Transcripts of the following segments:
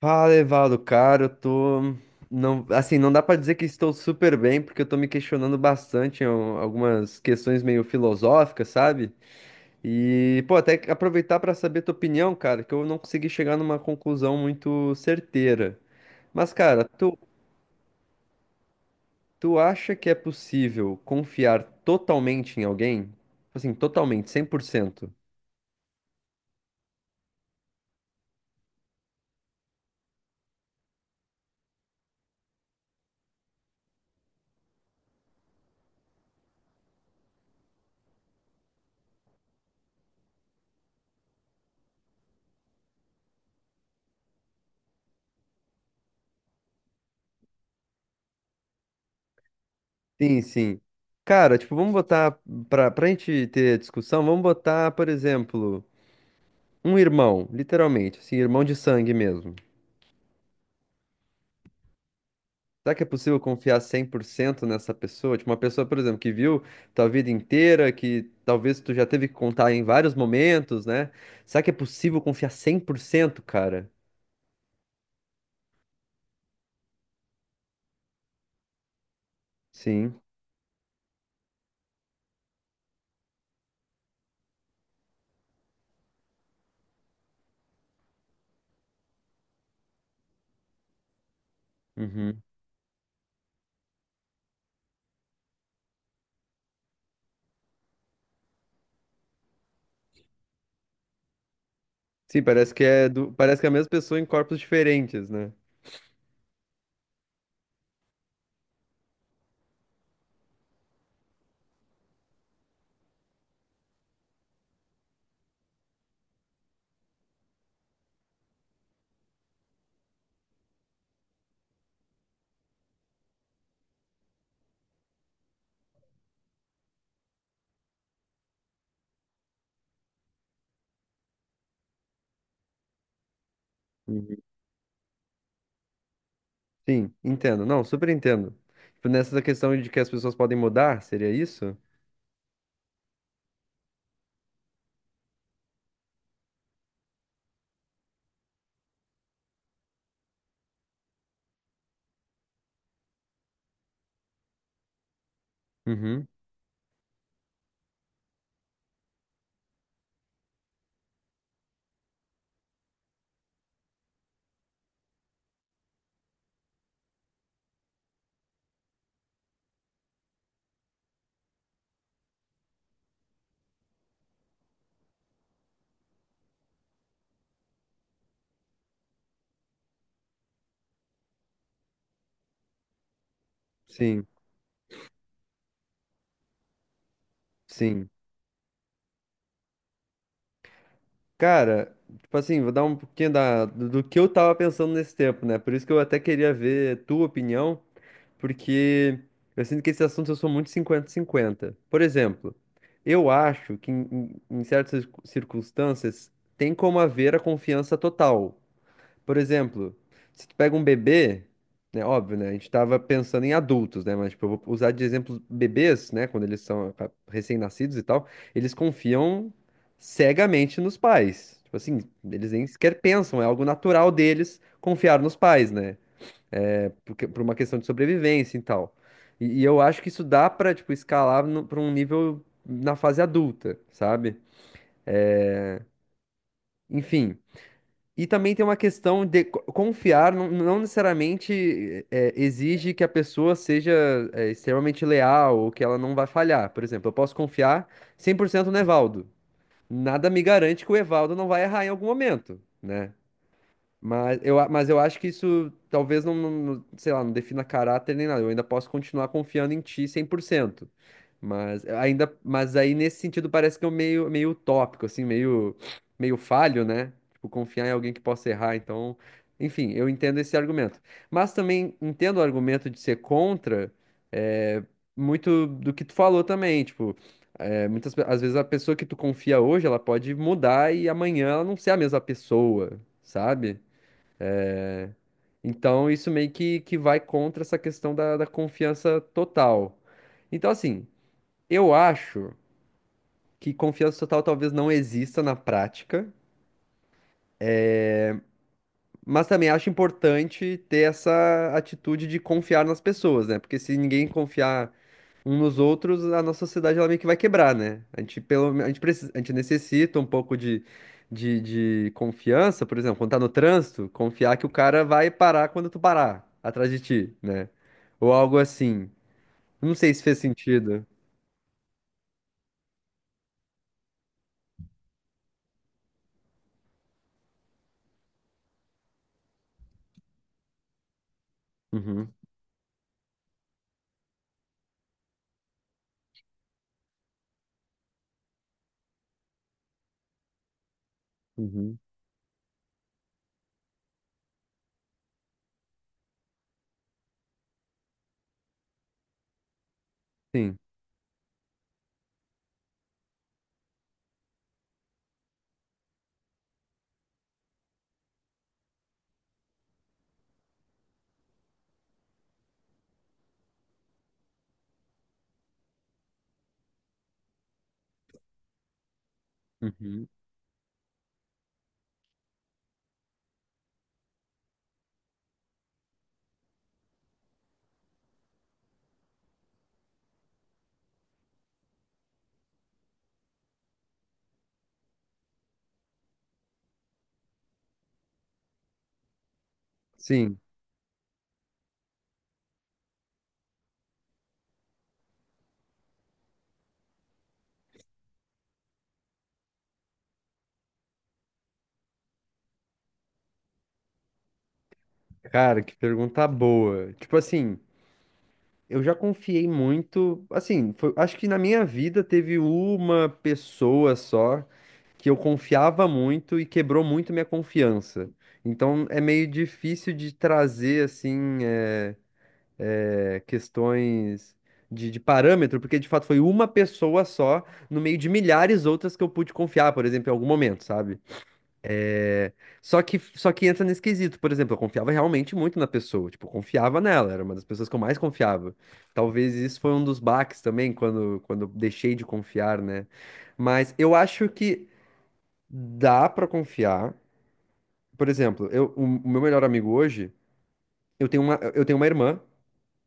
Fala, Evaldo, cara, eu tô. Não, assim, não dá pra dizer que estou super bem, porque eu tô me questionando bastante em algumas questões meio filosóficas, sabe? E, pô, até que aproveitar pra saber tua opinião, cara, que eu não consegui chegar numa conclusão muito certeira. Mas, cara, tu acha que é possível confiar totalmente em alguém? Assim, totalmente, 100%? Sim, sim. Cara, tipo, vamos botar, pra gente ter discussão, vamos botar, por exemplo. Um irmão, literalmente, assim, irmão de sangue mesmo. Será que é possível confiar 100% nessa pessoa? Tipo, uma pessoa, por exemplo, que viu tua vida inteira, que talvez tu já teve que contar em vários momentos, né? Será que é possível confiar cem por cento, cara? Sim. Uhum. Sim, parece parece que é a mesma pessoa em corpos diferentes, né? Uhum. Sim, entendo. Não, super entendo. Tipo, nessa questão de que as pessoas podem mudar, seria isso? Uhum. Sim, sim. Cara, tipo assim, vou dar um pouquinho da, do que eu tava pensando nesse tempo, né? Por isso que eu até queria ver tua opinião, porque eu sinto que esse assunto eu sou muito 50-50. Por exemplo, eu acho que em certas circunstâncias tem como haver a confiança total. Por exemplo, se tu pega um bebê, né, óbvio, né, a gente tava pensando em adultos, né, mas tipo, eu vou usar de exemplo bebês, né, quando eles são recém-nascidos e tal, eles confiam cegamente nos pais. Tipo assim, eles nem sequer pensam, é algo natural deles confiar nos pais, né, porque, por uma questão de sobrevivência e tal. E eu acho que isso dá pra, tipo, escalar no, pra um nível na fase adulta, sabe? Enfim, e também tem uma questão de confiar, não necessariamente exige que a pessoa seja extremamente leal ou que ela não vai falhar. Por exemplo, eu posso confiar 100% no Evaldo. Nada me garante que o Evaldo não vai errar em algum momento, né? Mas eu acho que isso talvez sei lá, não defina caráter nem nada. Eu ainda posso continuar confiando em ti 100%. Mas aí nesse sentido parece que é um meio utópico, assim, meio falho, né? Tipo, confiar em alguém que possa errar. Então, enfim, eu entendo esse argumento. Mas também entendo o argumento de ser contra, é, muito do que tu falou também, tipo, às vezes a pessoa que tu confia hoje, ela pode mudar e amanhã ela não ser a mesma pessoa, sabe? Então, isso meio que vai contra essa questão da confiança total. Então, assim, eu acho que confiança total talvez não exista na prática, mas também acho importante ter essa atitude de confiar nas pessoas, né? Porque se ninguém confiar uns nos outros, a nossa sociedade ela meio que vai quebrar, né? A gente, pelo, me- a gente, precisa, a gente necessita um pouco de, de, de confiança, por exemplo, quando tá no trânsito, confiar que o cara vai parar quando tu parar atrás de ti, né? Ou algo assim. Não sei se fez sentido. Uhum, uhum, sim, uhum, sim. Cara, que pergunta boa. Tipo assim, eu já confiei muito. Assim, acho que na minha vida teve uma pessoa só que eu confiava muito e quebrou muito minha confiança. Então é meio difícil de trazer, assim, questões de, parâmetro, porque de fato foi uma pessoa só no meio de milhares outras que eu pude confiar, por exemplo, em algum momento, sabe? Só que entra nesse quesito. Por exemplo, eu confiava realmente muito na pessoa. Tipo, eu confiava nela. Era uma das pessoas que eu mais confiava. Talvez isso foi um dos baques também, quando eu deixei de confiar, né? Mas eu acho que dá pra confiar. Por exemplo, o meu melhor amigo hoje, eu tenho uma irmã,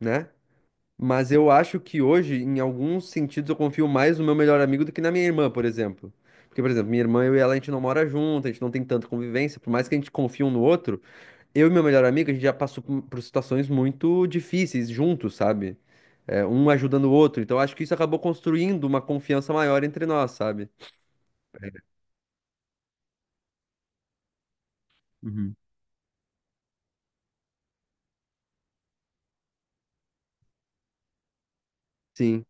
né? Mas eu acho que hoje, em alguns sentidos, eu confio mais no meu melhor amigo do que na minha irmã, por exemplo. Porque, por exemplo, minha irmã, eu e ela, a gente não mora junto, a gente não tem tanta convivência. Por mais que a gente confie um no outro. Eu e meu melhor amigo, a gente já passou por situações muito difíceis juntos, sabe? É, um ajudando o outro. Então, acho que isso acabou construindo uma confiança maior entre nós, sabe? Uhum. Sim,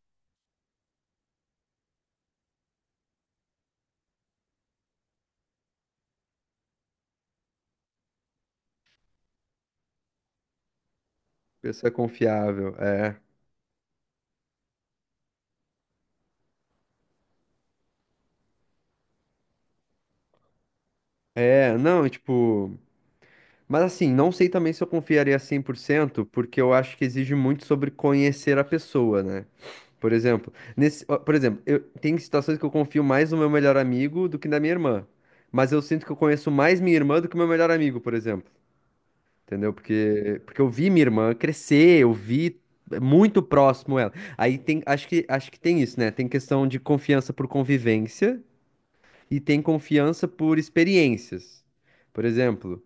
pessoa confiável, é. É, não, tipo. Mas assim, não sei também se eu confiaria 100%, porque eu acho que exige muito sobre conhecer a pessoa, né? Por exemplo, nesse, ó, por exemplo, eu tem situações que eu confio mais no meu melhor amigo do que na minha irmã, mas eu sinto que eu conheço mais minha irmã do que meu melhor amigo, por exemplo. Entendeu? Porque eu vi minha irmã crescer, eu vi muito próximo ela. Aí tem, acho que tem isso, né? Tem questão de confiança por convivência e tem confiança por experiências. Por exemplo,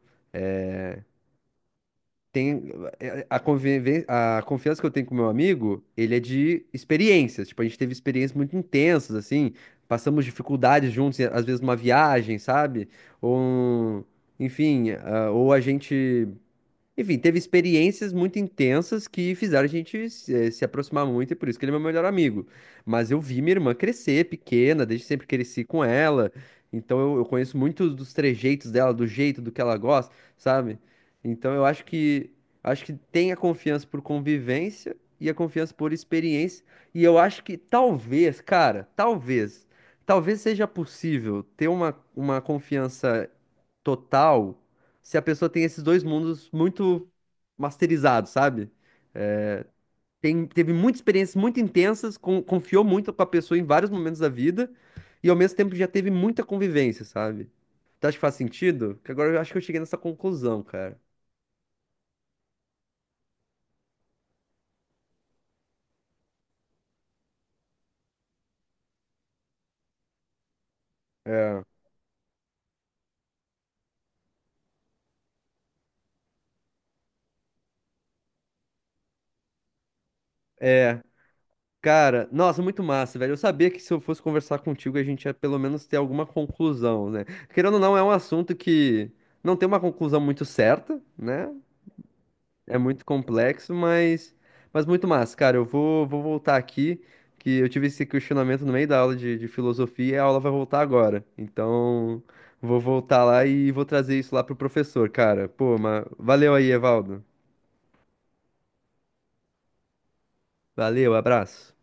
tem a confiança que eu tenho com meu amigo, ele é de experiências. Tipo, a gente teve experiências muito intensas, assim, passamos dificuldades juntos, às vezes numa viagem, sabe? Ou, um- enfim, ah, ou a gente Enfim, teve experiências muito intensas que fizeram a gente se aproximar muito, e por isso que ele é meu melhor amigo. Mas eu vi minha irmã crescer, pequena, desde sempre cresci com ela. Então eu conheço muitos dos trejeitos dela, do jeito do que ela gosta, sabe? Então eu acho que tem a confiança por convivência e a confiança por experiência. E eu acho que talvez, cara, talvez seja possível ter uma confiança total se a pessoa tem esses dois mundos muito masterizados, sabe? Teve muitas experiências muito intensas, confiou muito com a pessoa em vários momentos da vida, e ao mesmo tempo já teve muita convivência, sabe? Tu acha que faz sentido? Que agora eu acho que eu cheguei nessa conclusão, cara. É. É. Cara, nossa, muito massa, velho. Eu sabia que se eu fosse conversar contigo, a gente ia pelo menos ter alguma conclusão, né? Querendo ou não, é um assunto que não tem uma conclusão muito certa, né? É muito complexo, mas muito massa. Cara, eu vou voltar aqui, que eu tive esse questionamento no meio da aula de, filosofia e a aula vai voltar agora. Então, vou voltar lá e vou trazer isso lá pro professor, cara. Pô, mas valeu aí, Evaldo. Valeu, abraço.